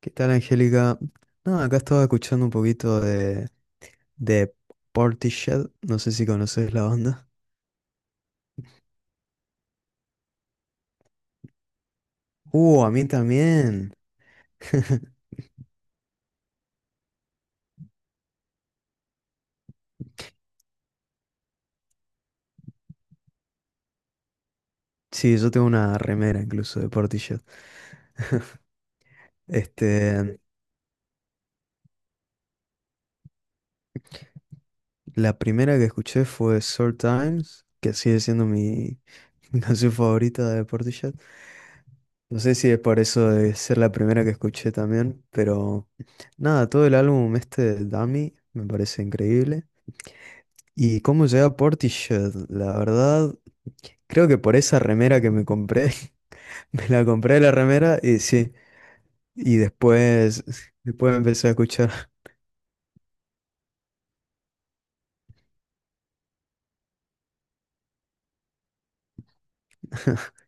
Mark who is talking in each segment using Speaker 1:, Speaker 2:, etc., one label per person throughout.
Speaker 1: ¿Qué tal, Angélica? No, acá estaba escuchando un poquito de Portishead. No sé si conoces la banda. A mí también. Sí, yo tengo una remera incluso de Portishead. Este, la primera que escuché fue Sour Times, que sigue siendo mi canción favorita de Portishead. No sé si es por eso de ser la primera que escuché también, pero nada, todo el álbum este Dummy me parece increíble. ¿Y cómo llegué a Portishead? La verdad, creo que por esa remera que me compré, me la compré la remera y sí, y después, después empecé a escuchar.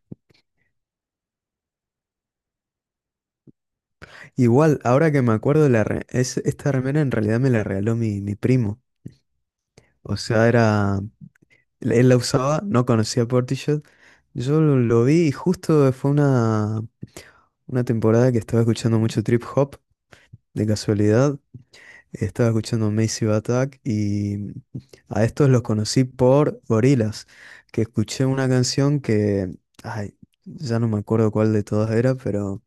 Speaker 1: Igual, ahora que me acuerdo, esta remera en realidad me la regaló mi primo. O sea, era, él la usaba, no conocía Portishead. Yo lo vi y justo fue una temporada que estaba escuchando mucho trip hop, de casualidad. Estaba escuchando Massive Attack y a estos los conocí por Gorillaz, que escuché una canción que, ay, ya no me acuerdo cuál de todas era, pero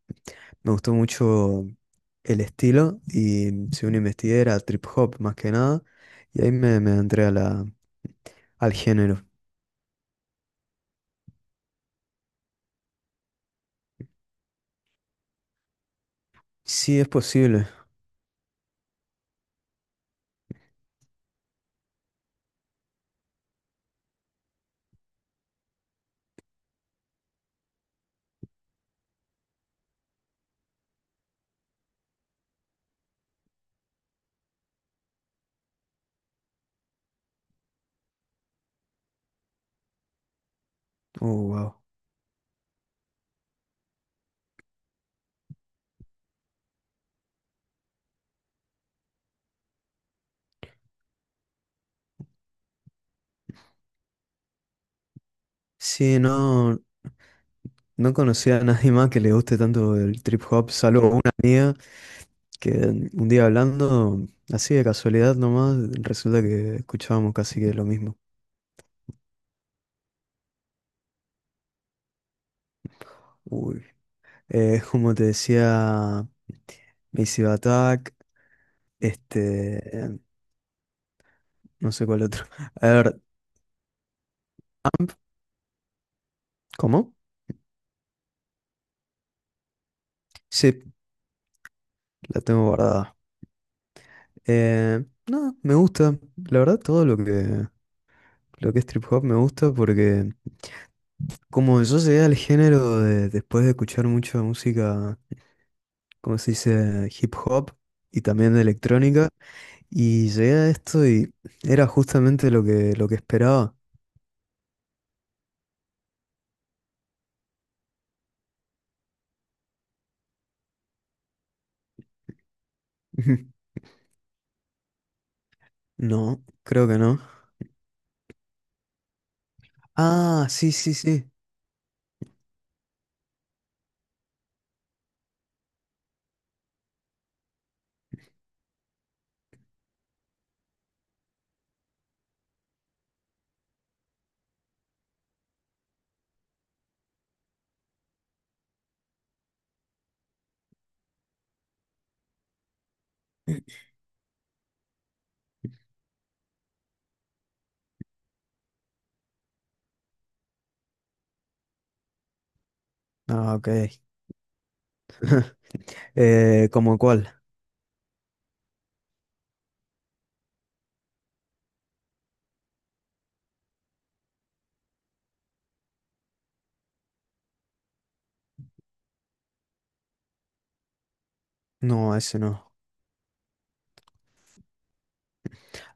Speaker 1: me gustó mucho el estilo, y si uno investiga era trip hop más que nada, y ahí me entré a al género. Sí, es posible. Oh, wow. Sí, no, no conocía a nadie más que le guste tanto el trip hop, salvo una amiga que un día hablando, así de casualidad nomás, resulta que escuchábamos casi que lo mismo. Uy. Como te decía, Massive Attack, este, eh, no sé cuál otro. A ver, ¿cómo? Sí, la tengo guardada. Eh, no, me gusta, la verdad todo lo que es trip hop me gusta porque como yo llegué al después de escuchar mucha música, como se dice, hip hop y también de electrónica, y llegué a esto y era justamente lo que esperaba. No, creo que no. Ah, sí, sí, sí. Ah, ok. ¿Cómo cuál? No, ese no.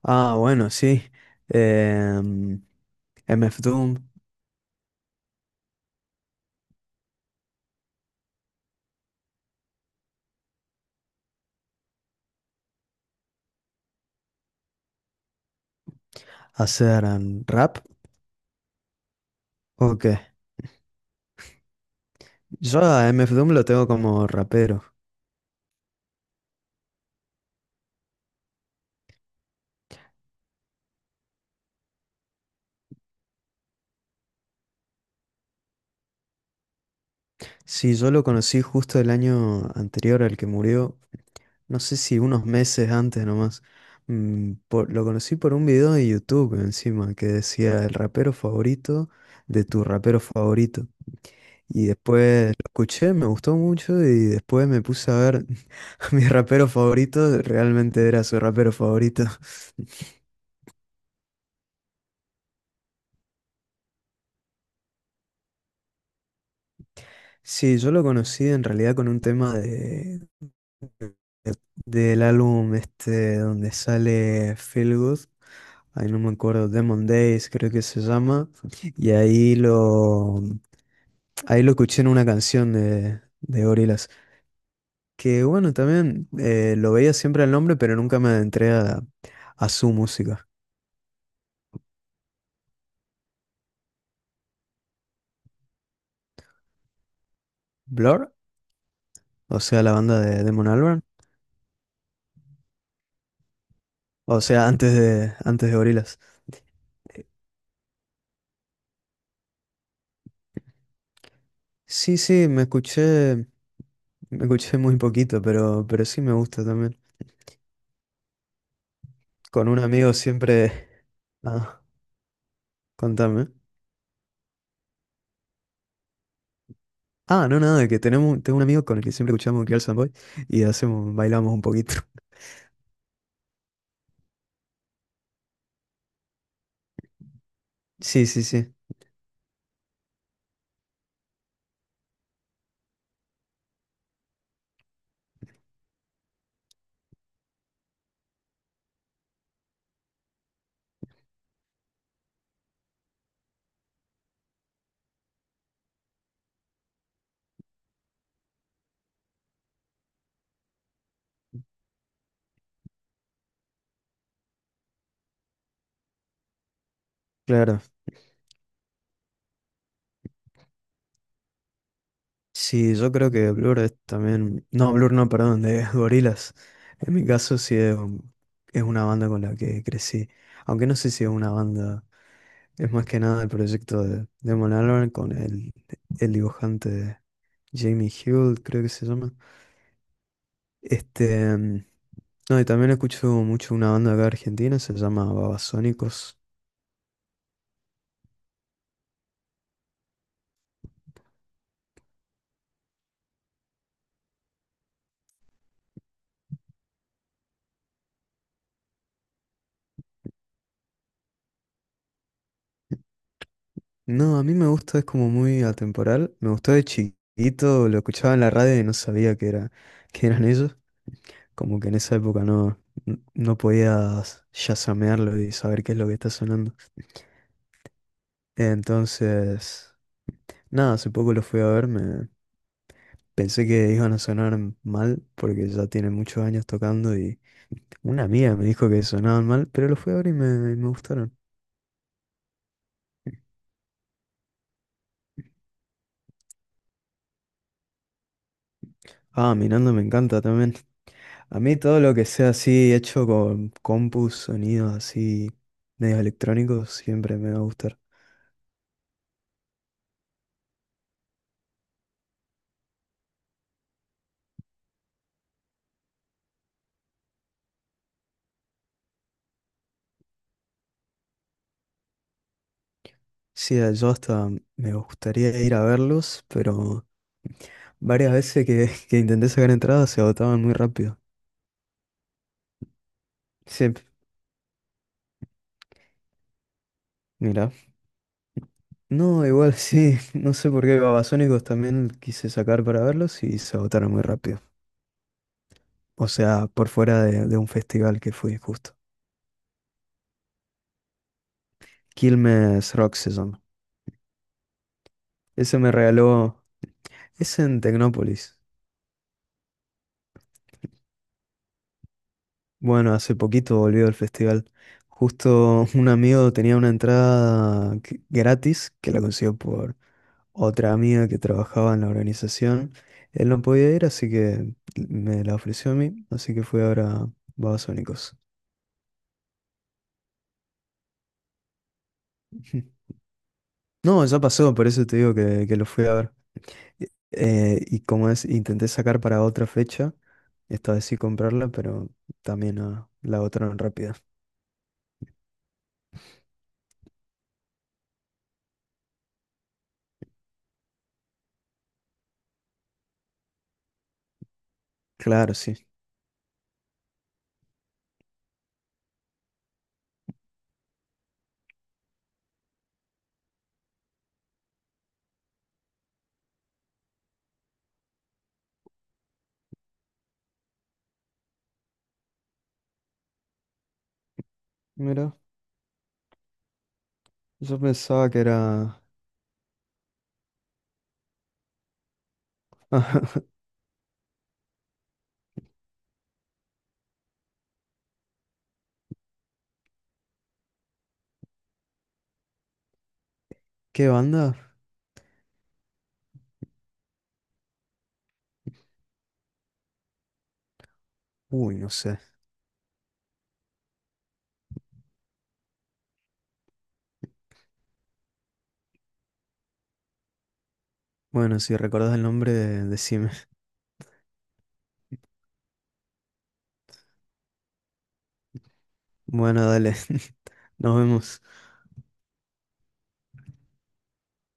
Speaker 1: Ah, bueno, sí. Em, MF Doom, hacer rap. Ok. Yo a MF Doom lo tengo como rapero. Sí, yo lo conocí justo el año anterior al que murió, no sé si unos meses antes nomás. Lo conocí por un video de YouTube encima que decía el rapero favorito de tu rapero favorito. Y después lo escuché, me gustó mucho y después me puse a ver a mi rapero favorito, realmente era su rapero favorito. Sí, yo lo conocí en realidad con un tema del álbum este donde sale Feel Good. Ay, no me acuerdo, Demon Days creo que se llama. Y ahí lo escuché en una canción de Gorillaz. Que bueno, también lo veía siempre el nombre, pero nunca me adentré a su música. Blur, o sea, la banda de Damon Albarn, o sea, antes de Gorillaz. Sí, sí, me escuché muy poquito, pero sí me gusta también. Con un amigo siempre. Ah, contame. Ah, no, nada, que tenemos, tengo un amigo con el que siempre escuchamos Girls and Boys y hacemos, bailamos un poquito. Sí, sí, sí, claro. Sí, yo creo que Blur es también. No, Blur no, perdón, de Gorillaz. En mi caso es una banda con la que crecí. Aunque no sé si es una banda. Es más que nada el proyecto de Damon Albarn con el dibujante Jamie Hill, creo que se llama. Este, mm, no, y también escucho mucho una banda acá argentina, se llama Babasónicos. No, a mí me gusta, es como muy atemporal. Me gustó de chiquito, lo escuchaba en la radio y no sabía que eran ellos. Como que en esa época no podías chasamearlo y saber qué es lo que está sonando. Entonces, nada, hace poco lo fui a ver, me pensé que iban a sonar mal porque ya tienen muchos años tocando y una amiga me dijo que sonaban mal, pero lo fui a ver y me gustaron. Ah, mirando me encanta también. A mí todo lo que sea así hecho con compus, sonidos así medios electrónicos, siempre me va a gustar. Sí, yo hasta me gustaría ir a verlos, pero varias veces que intenté sacar entradas se agotaban muy rápido. Sí, mira. No, igual sí, no sé por qué Babasónicos también quise sacar para verlos y se agotaron muy rápido. O sea, por fuera de un festival que fui justo. Quilmes Rock se llama. Ese me regaló. Es en Tecnópolis. Bueno, hace poquito volvió el festival. Justo un amigo tenía una gratis que la consiguió por otra amiga que trabajaba en la organización. Él no podía ir, así que me la ofreció a mí. Así que fui ahora a Babasónicos. No, ya pasó, por eso te digo que lo fui a ver. Y eh, y como es, intenté sacar para otra fecha. Esta vez sí comprarla, pero también ah, la agotaron rápido. Claro, sí. Mira, yo pensaba que era... ¿Qué banda? Uy, no sé. Bueno, si recordás el nombre, decime. Bueno, dale. Nos vemos.